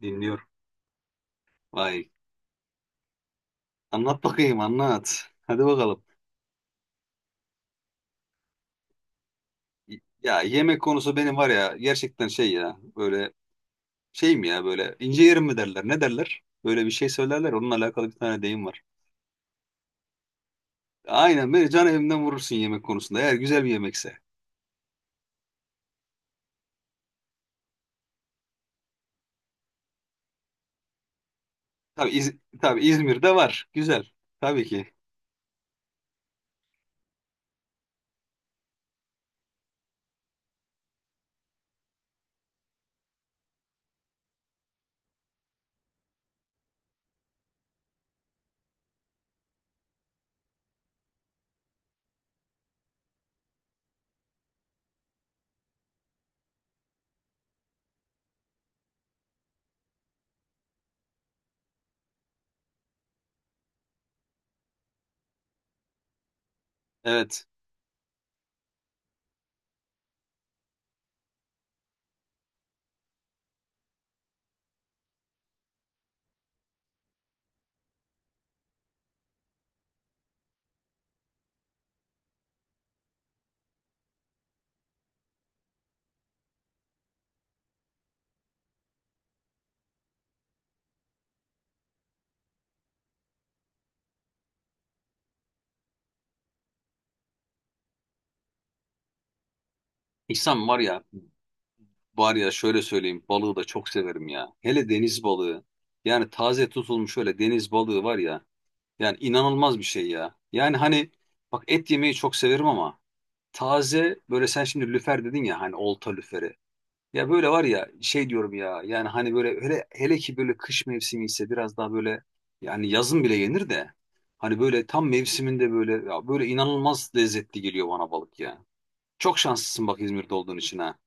Dinliyorum. Vay. Anlat bakayım, anlat. Hadi bakalım. Ya yemek konusu benim var ya, gerçekten şey ya, böyle şey mi, ya böyle ince yerim mi derler, ne derler? Böyle bir şey söylerler onunla alakalı, bir tane deyim var. Aynen, beni can evimden vurursun yemek konusunda, eğer güzel bir yemekse. Tabii, tabii İzmir'de var güzel, tabii ki. Evet, İhsan var ya, var ya, şöyle söyleyeyim, balığı da çok severim ya. Hele deniz balığı, yani taze tutulmuş öyle deniz balığı var ya. Yani inanılmaz bir şey ya. Yani hani, bak, et yemeyi çok severim ama taze böyle, sen şimdi lüfer dedin ya, hani olta lüferi. Ya böyle var ya, şey diyorum ya, yani hani böyle, hele, hele ki böyle kış mevsimi ise biraz daha böyle, yani yazın bile yenir de hani böyle tam mevsiminde, böyle ya, böyle inanılmaz lezzetli geliyor bana balık ya. Çok şanslısın bak, İzmir'de olduğun için ha.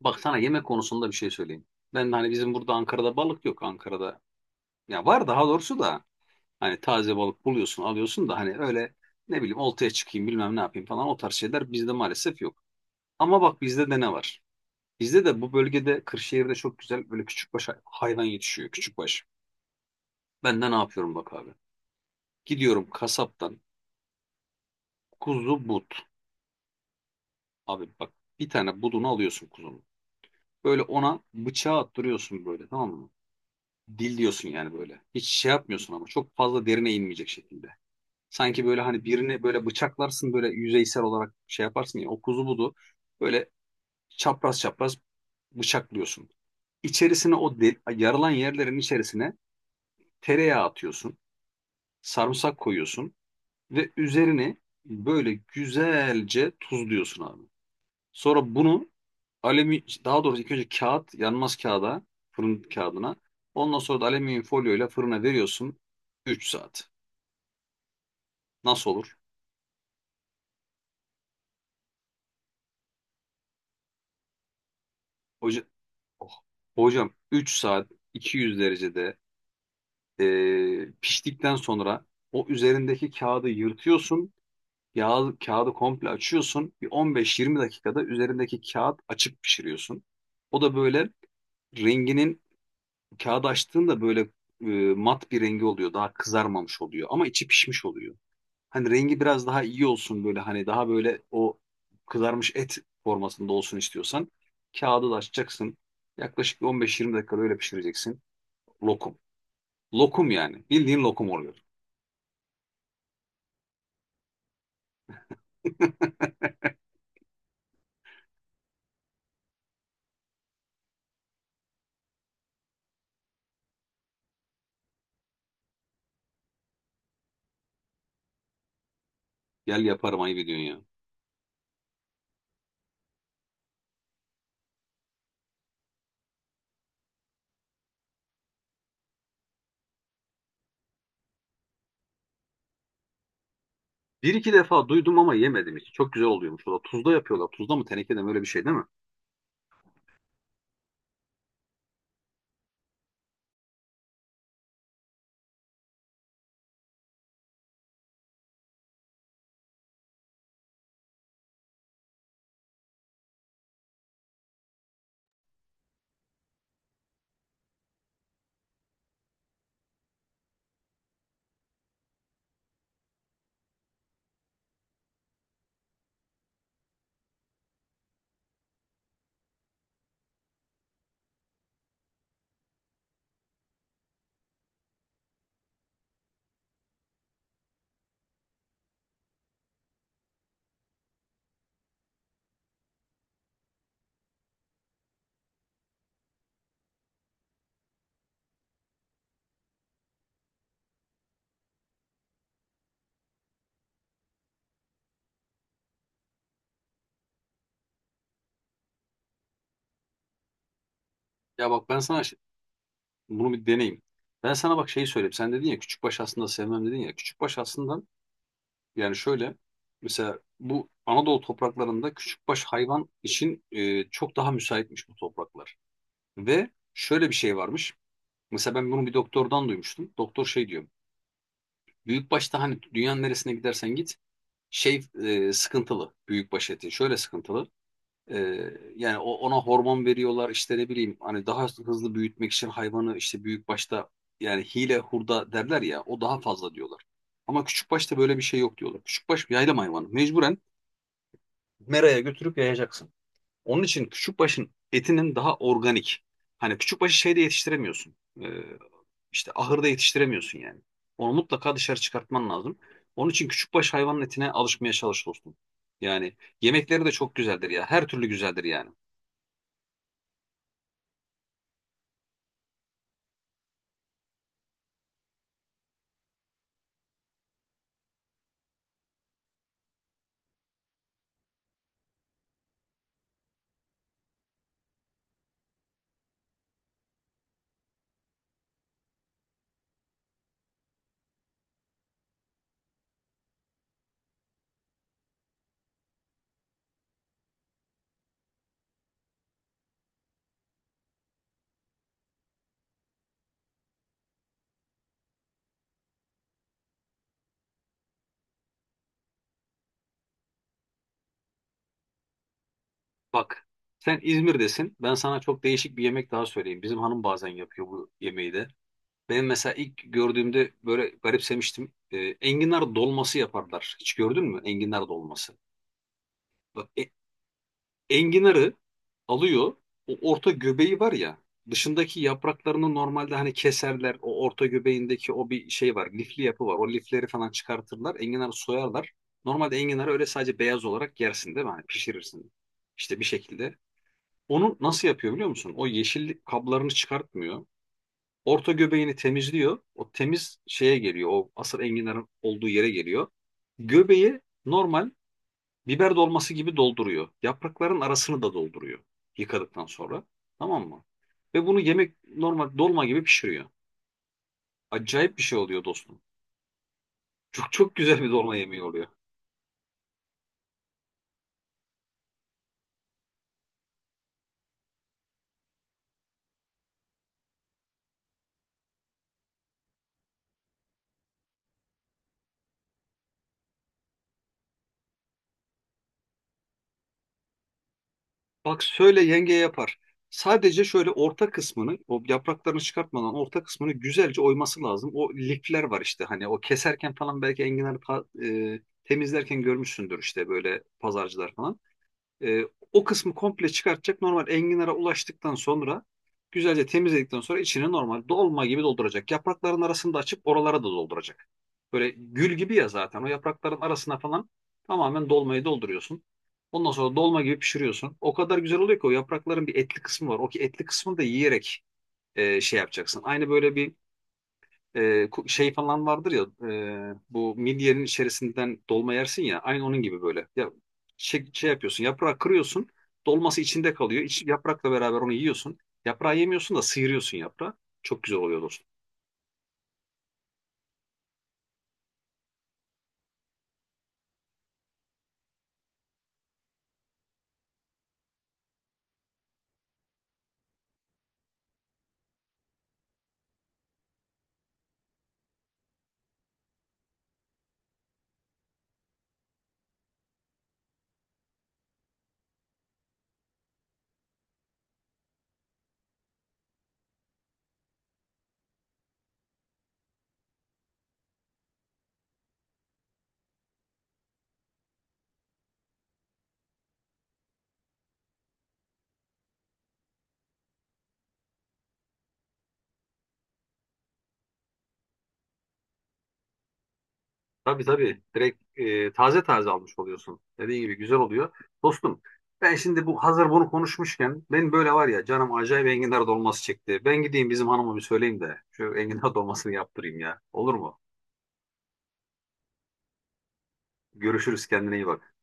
Bak, sana yemek konusunda bir şey söyleyeyim. Ben de hani, bizim burada, Ankara'da balık yok, Ankara'da. Ya var, daha doğrusu da. Hani taze balık buluyorsun, alıyorsun da hani öyle, ne bileyim, oltaya çıkayım, bilmem ne yapayım falan, o tarz şeyler bizde maalesef yok. Ama bak, bizde de ne var? Bizde de bu bölgede, Kırşehir'de çok güzel böyle küçükbaş hayvan yetişiyor. Küçükbaş. Ben de ne yapıyorum bak abi. Gidiyorum kasaptan, kuzu but. Abi bak, bir tane budunu alıyorsun kuzunun. Böyle ona bıçağı attırıyorsun böyle, tamam mı? Dil diyorsun yani böyle. Hiç şey yapmıyorsun ama çok fazla derine inmeyecek şekilde. Sanki böyle hani birini böyle bıçaklarsın böyle, yüzeysel olarak şey yaparsın ya, o kuzu budu. Böyle çapraz çapraz bıçaklıyorsun. İçerisine, o yarılan yerlerin içerisine tereyağı atıyorsun. Sarımsak koyuyorsun ve üzerini böyle güzelce tuzluyorsun abi. Sonra bunu alüminyum, daha doğrusu ilk önce kağıt, yanmaz kağıda, fırın kağıdına. Ondan sonra da alüminyum folyoyla fırına veriyorsun, 3 saat. Nasıl olur? O, Oh. Hocam, 3 saat 200 derecede piştikten sonra o üzerindeki kağıdı yırtıyorsun. Yağ, kağıdı komple açıyorsun. Bir 15-20 dakikada üzerindeki kağıt açık pişiriyorsun. O da böyle renginin, kağıdı açtığında böyle e, mat bir rengi oluyor. Daha kızarmamış oluyor ama içi pişmiş oluyor. Hani rengi biraz daha iyi olsun, böyle hani daha böyle o kızarmış et formasında olsun istiyorsan, kağıdı da açacaksın. Yaklaşık bir 15-20 dakikada öyle pişireceksin. Lokum. Lokum yani. Bildiğin lokum oluyor. Gel, yaparım, ayıp ediyorsun ya. Bir iki defa duydum ama yemedim hiç. Çok güzel oluyormuş. O da tuzda yapıyorlar. Tuzda mı, tenekede mi, öyle bir şey değil mi? Ya bak, ben sana bunu bir deneyim. Ben sana bak, şeyi söyleyeyim. Sen dedin ya küçükbaş aslında sevmem dedin ya. Küçükbaş aslında, yani şöyle, mesela bu Anadolu topraklarında küçükbaş hayvan için çok daha müsaitmiş bu topraklar. Ve şöyle bir şey varmış. Mesela ben bunu bir doktordan duymuştum. Doktor şey diyor. Büyükbaşta hani dünyanın neresine gidersen git şey, sıkıntılı, büyükbaş etin şöyle sıkıntılı. E, yani, ona hormon veriyorlar işte, ne bileyim, hani daha hızlı büyütmek için hayvanı, işte büyükbaşta yani hile hurda derler ya, o daha fazla diyorlar. Ama küçükbaşta böyle bir şey yok diyorlar. Küçükbaş bir yaylım hayvanı. Mecburen meraya götürüp yayacaksın. Onun için küçükbaşın etinin daha organik. Hani küçükbaşı şeyde yetiştiremiyorsun. İşte ahırda yetiştiremiyorsun yani. Onu mutlaka dışarı çıkartman lazım. Onun için küçükbaş hayvanın etine alışmaya çalış dostum. Yani yemekleri de çok güzeldir ya. Her türlü güzeldir yani. Bak, sen İzmir'desin. Ben sana çok değişik bir yemek daha söyleyeyim. Bizim hanım bazen yapıyor bu yemeği de. Ben mesela ilk gördüğümde böyle garipsemiştim. Enginar dolması yaparlar. Hiç gördün mü enginar dolması? Bak, enginarı alıyor. O orta göbeği var ya. Dışındaki yapraklarını normalde hani keserler. O orta göbeğindeki o bir şey var. Lifli yapı var. O lifleri falan çıkartırlar. Enginarı soyarlar. Normalde enginarı öyle sadece beyaz olarak yersin değil mi? Hani pişirirsin. İşte bir şekilde. Onu nasıl yapıyor biliyor musun? O yeşil kablarını çıkartmıyor. Orta göbeğini temizliyor. O temiz şeye geliyor. O asıl enginarın olduğu yere geliyor. Göbeği normal biber dolması gibi dolduruyor. Yaprakların arasını da dolduruyor, yıkadıktan sonra. Tamam mı? Ve bunu yemek, normal dolma gibi pişiriyor. Acayip bir şey oluyor dostum. Çok çok güzel bir dolma yemeği oluyor. Bak, söyle, yenge yapar. Sadece şöyle orta kısmını, o yapraklarını çıkartmadan orta kısmını güzelce oyması lazım. O lifler var işte, hani o keserken falan, belki enginar temizlerken görmüşsündür işte, böyle pazarcılar falan. E, o kısmı komple çıkartacak. Normal enginara ulaştıktan sonra, güzelce temizledikten sonra içini normal dolma gibi dolduracak. Yaprakların arasını da açıp oralara da dolduracak. Böyle gül gibi ya zaten. O yaprakların arasına falan tamamen dolmayı dolduruyorsun. Ondan sonra dolma gibi pişiriyorsun. O kadar güzel oluyor ki, o yaprakların bir etli kısmı var. O ki etli kısmını da yiyerek şey yapacaksın. Aynı böyle bir şey falan vardır ya, bu midyenin içerisinden dolma yersin ya, aynı onun gibi böyle. Ya şey yapıyorsun, yaprağı kırıyorsun, dolması içinde kalıyor. İç, yaprakla beraber onu yiyorsun. Yaprağı yemiyorsun da sıyırıyorsun yaprağı. Çok güzel oluyor dostum. Tabii tabii, direkt taze taze almış oluyorsun. Dediğin gibi güzel oluyor. Dostum, ben şimdi bu hazır bunu konuşmuşken, benim böyle var ya canım, acayip enginar dolması çekti. Ben gideyim bizim hanıma bir söyleyeyim de şu enginar dolmasını yaptırayım ya. Olur mu? Görüşürüz, kendine iyi bak.